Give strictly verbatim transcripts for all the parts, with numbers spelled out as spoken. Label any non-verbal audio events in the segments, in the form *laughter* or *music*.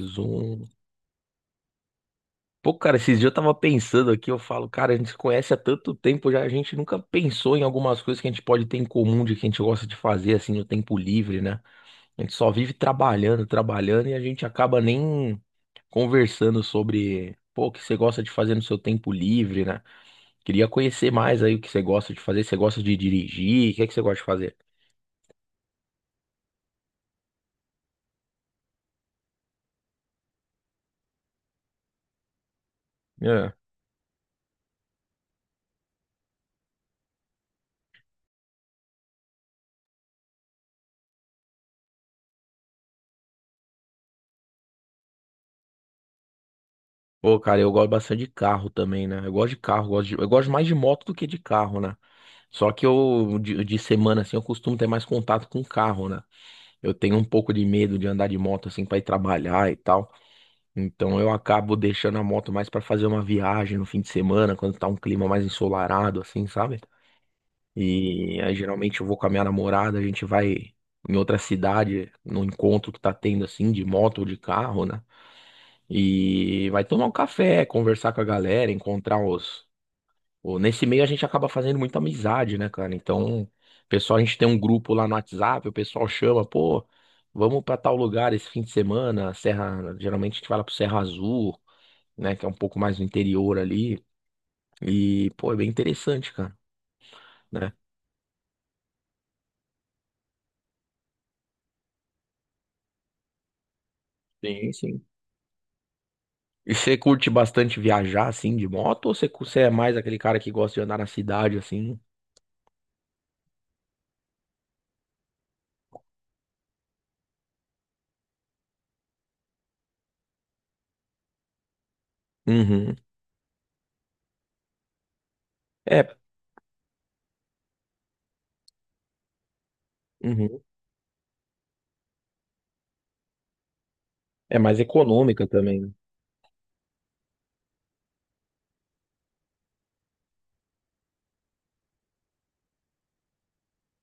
Zoom. Pô, cara, esses dias eu tava pensando aqui, eu falo, cara, a gente se conhece há tanto tempo já, a gente nunca pensou em algumas coisas que a gente pode ter em comum, de que a gente gosta de fazer, assim, no tempo livre, né? A gente só vive trabalhando, trabalhando e a gente acaba nem conversando sobre, pô, o que você gosta de fazer no seu tempo livre, né? Queria conhecer mais aí o que você gosta de fazer, você gosta de dirigir, o que é que você gosta de fazer? É. Pô, cara, eu gosto bastante de carro também, né? Eu gosto de carro, gosto de- eu gosto mais de moto do que de carro, né? Só que eu, de, de semana, assim, eu costumo ter mais contato com o carro, né? Eu tenho um pouco de medo de andar de moto, assim, para ir trabalhar e tal. Então eu acabo deixando a moto mais para fazer uma viagem no fim de semana, quando tá um clima mais ensolarado, assim, sabe? E aí geralmente eu vou com a minha namorada, a gente vai em outra cidade, no encontro que tá tendo, assim, de moto ou de carro, né? E vai tomar um café, conversar com a galera, encontrar os Pô, nesse meio a gente acaba fazendo muita amizade, né, cara? Então, pessoal, a gente tem um grupo lá no WhatsApp, o pessoal chama, pô, vamos pra tal lugar esse fim de semana, Serra, geralmente a gente vai lá pro Serra Azul, né, que é um pouco mais no interior ali, e, pô, é bem interessante, cara, né? Sim, sim. E você curte bastante viajar, assim, de moto, ou você, cu- você é mais aquele cara que gosta de andar na cidade, assim? Uhum. É, uhum. É mais econômica também, né?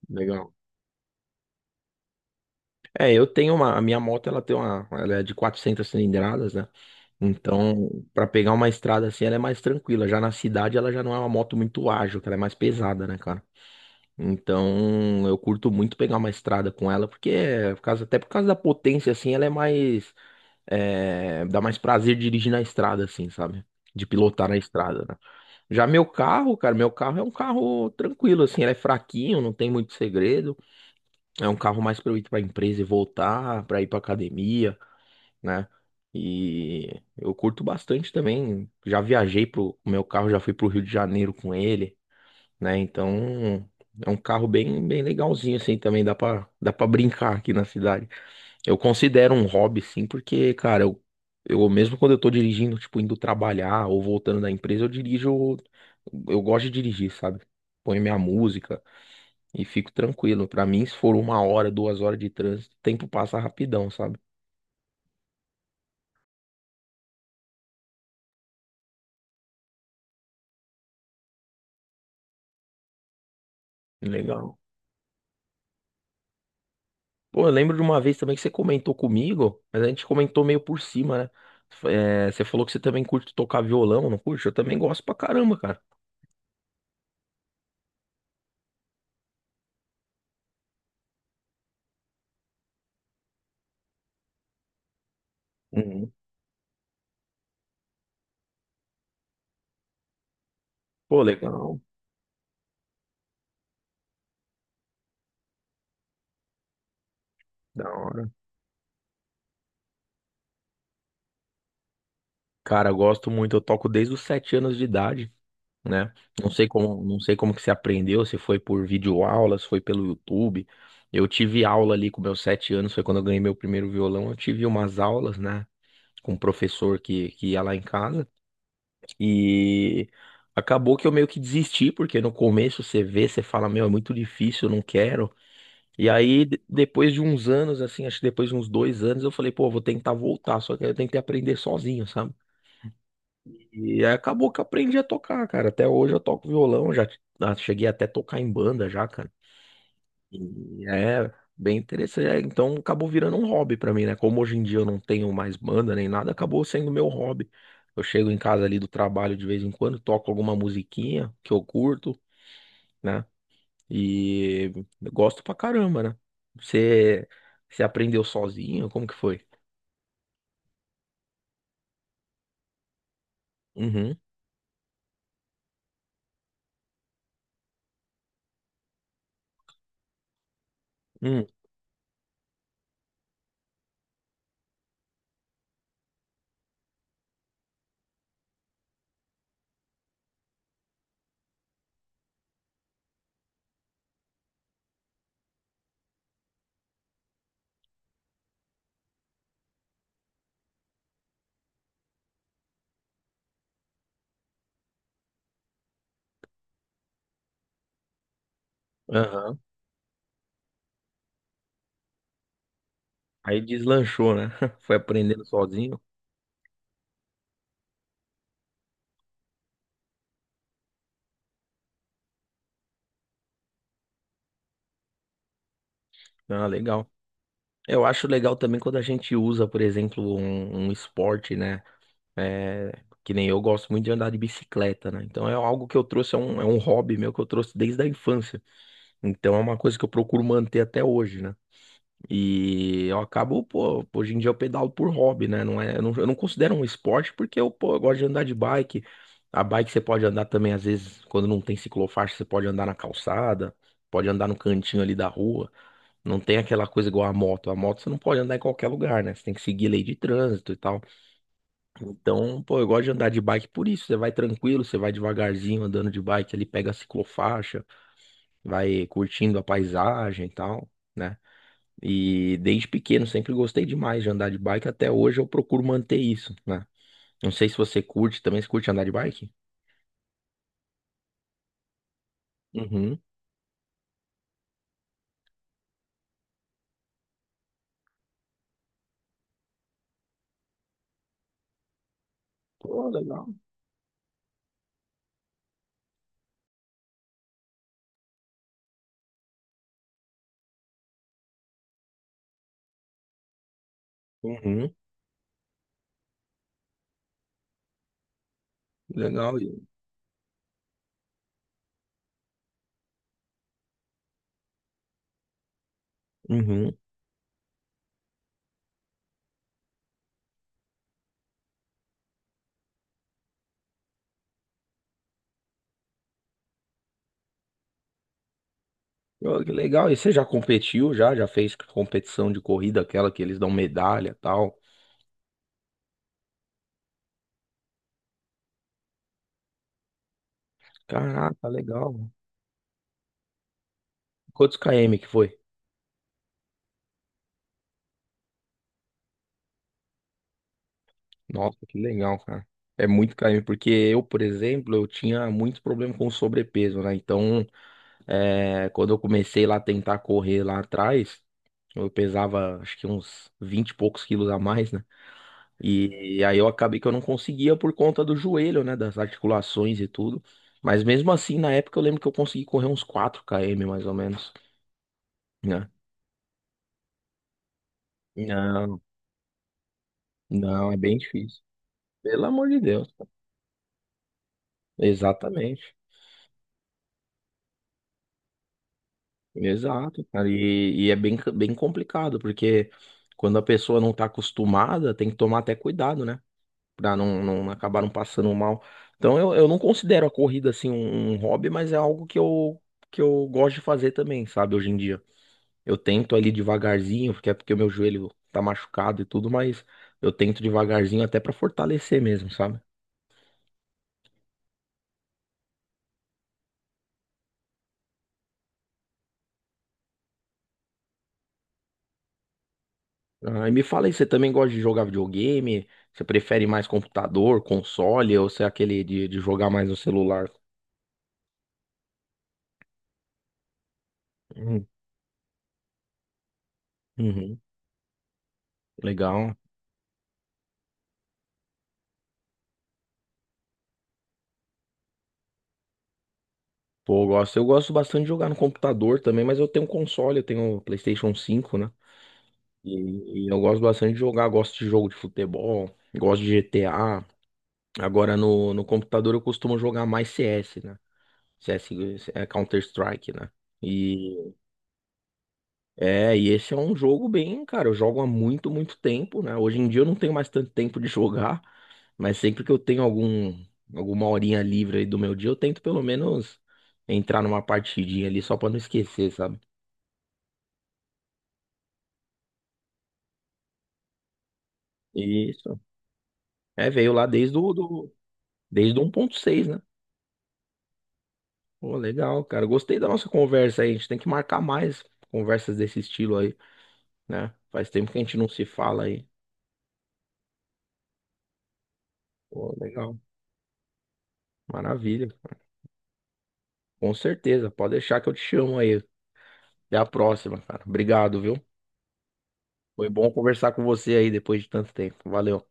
Legal. É, eu tenho uma, a minha moto, ela tem uma, ela é de quatrocentas cilindradas, né? Então, pra pegar uma estrada assim, ela é mais tranquila. Já na cidade, ela já não é uma moto muito ágil, que ela é mais pesada, né, cara? Então, eu curto muito pegar uma estrada com ela, porque é, por causa, até por causa da potência, assim, ela é mais, é, dá mais prazer dirigir na estrada, assim, sabe? De pilotar na estrada, né? Já meu carro, cara, meu carro é um carro tranquilo, assim, ele é fraquinho, não tem muito segredo. É um carro mais para eu ir para empresa e voltar, para ir para academia, né? E eu curto bastante também. Já viajei pro o meu carro, já fui pro Rio de Janeiro com ele, né? Então é um carro bem, bem legalzinho assim também. Dá para dá para brincar aqui na cidade. Eu considero um hobby sim, porque cara, eu, eu mesmo quando eu tô dirigindo, tipo indo trabalhar ou voltando da empresa, eu dirijo. Eu gosto de dirigir, sabe? Põe minha música. E fico tranquilo. Pra mim, se for uma hora, duas horas de trânsito, o tempo passa rapidão, sabe? Legal. Pô, eu lembro de uma vez também que você comentou comigo, mas a gente comentou meio por cima, né? É, você falou que você também curte tocar violão, não curte? Eu também gosto pra caramba, cara. Uhum. Pô, legal, da hora. Cara, eu gosto muito, eu toco desde os sete anos de idade, né? Não sei como, não sei como que você aprendeu, se foi por videoaula, se foi pelo YouTube. Eu tive aula ali com meus sete anos, foi quando eu ganhei meu primeiro violão. Eu tive umas aulas, né? Com um professor que, que ia lá em casa. E acabou que eu meio que desisti, porque no começo você vê, você fala, meu, é muito difícil, eu não quero. E aí, de- depois de uns anos, assim, acho que depois de uns dois anos, eu falei, pô, vou tentar voltar, só que eu tentei aprender sozinho, sabe? E aí acabou que eu aprendi a tocar, cara. Até hoje eu toco violão, já ah, cheguei até a tocar em banda já, cara. E é bem interessante. É, então acabou virando um hobby pra mim, né? Como hoje em dia eu não tenho mais banda nem nada, acabou sendo meu hobby. Eu chego em casa ali do trabalho de vez em quando, toco alguma musiquinha que eu curto, né? E eu gosto pra caramba, né? Você, você aprendeu sozinho? Como que foi? Uhum. Hum. Aham. Aí deslanchou, né? *laughs* Foi aprendendo sozinho. Ah, legal. Eu acho legal também quando a gente usa, por exemplo, um, um esporte, né? É, que nem eu gosto muito de andar de bicicleta, né? Então é algo que eu trouxe, é um, é um hobby meu que eu trouxe desde a infância. Então é uma coisa que eu procuro manter até hoje, né? E eu acabo, pô, hoje em dia eu pedalo por hobby, né? Não é, eu não, eu não considero um esporte porque eu, pô, eu gosto de andar de bike. A bike você pode andar também, às vezes, quando não tem ciclofaixa, você pode andar na calçada, pode andar no cantinho ali da rua. Não tem aquela coisa igual a moto. A moto você não pode andar em qualquer lugar, né? Você tem que seguir lei de trânsito e tal. Então, pô, eu gosto de andar de bike por isso. Você vai tranquilo, você vai devagarzinho andando de bike ali, pega a ciclofaixa, vai curtindo a paisagem e tal, né? E desde pequeno sempre gostei demais de andar de bike. Até hoje eu procuro manter isso, né? Não sei se você curte também, você curte andar de bike? Uhum. Pô, legal. Uhum. Legal. Uhum. Pô, que legal. E você já competiu já? Já fez competição de corrida, aquela que eles dão medalha e tal? Caraca, legal. Quantos km que foi? Nossa, que legal, cara. É muito carinho, porque eu, por exemplo, eu tinha muito problema com sobrepeso, né? Então, é, quando eu comecei lá a tentar correr lá atrás, eu pesava acho que uns vinte e poucos quilos a mais, né? E aí eu acabei que eu não conseguia por conta do joelho, né? Das articulações e tudo. Mas mesmo assim, na época eu lembro que eu consegui correr uns quatro quilômetros mais ou menos, né? Não, não, é bem difícil. Pelo amor de Deus. Exatamente. Exato, cara. E, e é bem, bem complicado, porque quando a pessoa não tá acostumada, tem que tomar até cuidado, né? Pra não, não acabar não passando mal. Então eu, eu não considero a corrida assim um, um hobby, mas é algo que eu, que eu gosto de fazer também, sabe? Hoje em dia. Eu tento ali devagarzinho, porque é porque o meu joelho tá machucado e tudo, mas eu tento devagarzinho até pra fortalecer mesmo, sabe? Ah, e me fala aí, você também gosta de jogar videogame? Você prefere mais computador, console, ou você é aquele de, de jogar mais no celular? Hum, Uhum, legal. Pô, eu gosto. Eu gosto bastante de jogar no computador também, mas eu tenho um console, eu tenho o PlayStation cinco, né? E, e eu gosto bastante de jogar, gosto de jogo de futebol, gosto de G T A. Agora no, no computador eu costumo jogar mais C S, né? C S é Counter-Strike, né? E é, e esse é um jogo bem, cara, eu jogo há muito, muito tempo, né? Hoje em dia eu não tenho mais tanto tempo de jogar, mas sempre que eu tenho algum, alguma horinha livre aí do meu dia, eu tento pelo menos entrar numa partidinha ali só pra não esquecer, sabe? Isso. É, veio lá desde o do, desde o um ponto seis, né? Pô, legal, cara. Gostei da nossa conversa aí. A gente tem que marcar mais conversas desse estilo aí, né? Faz tempo que a gente não se fala aí. Pô, legal. Maravilha. Com certeza. Pode deixar que eu te chamo aí. Até a próxima, cara. Obrigado, viu? Foi bom conversar com você aí depois de tanto tempo. Valeu.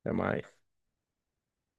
Até mais.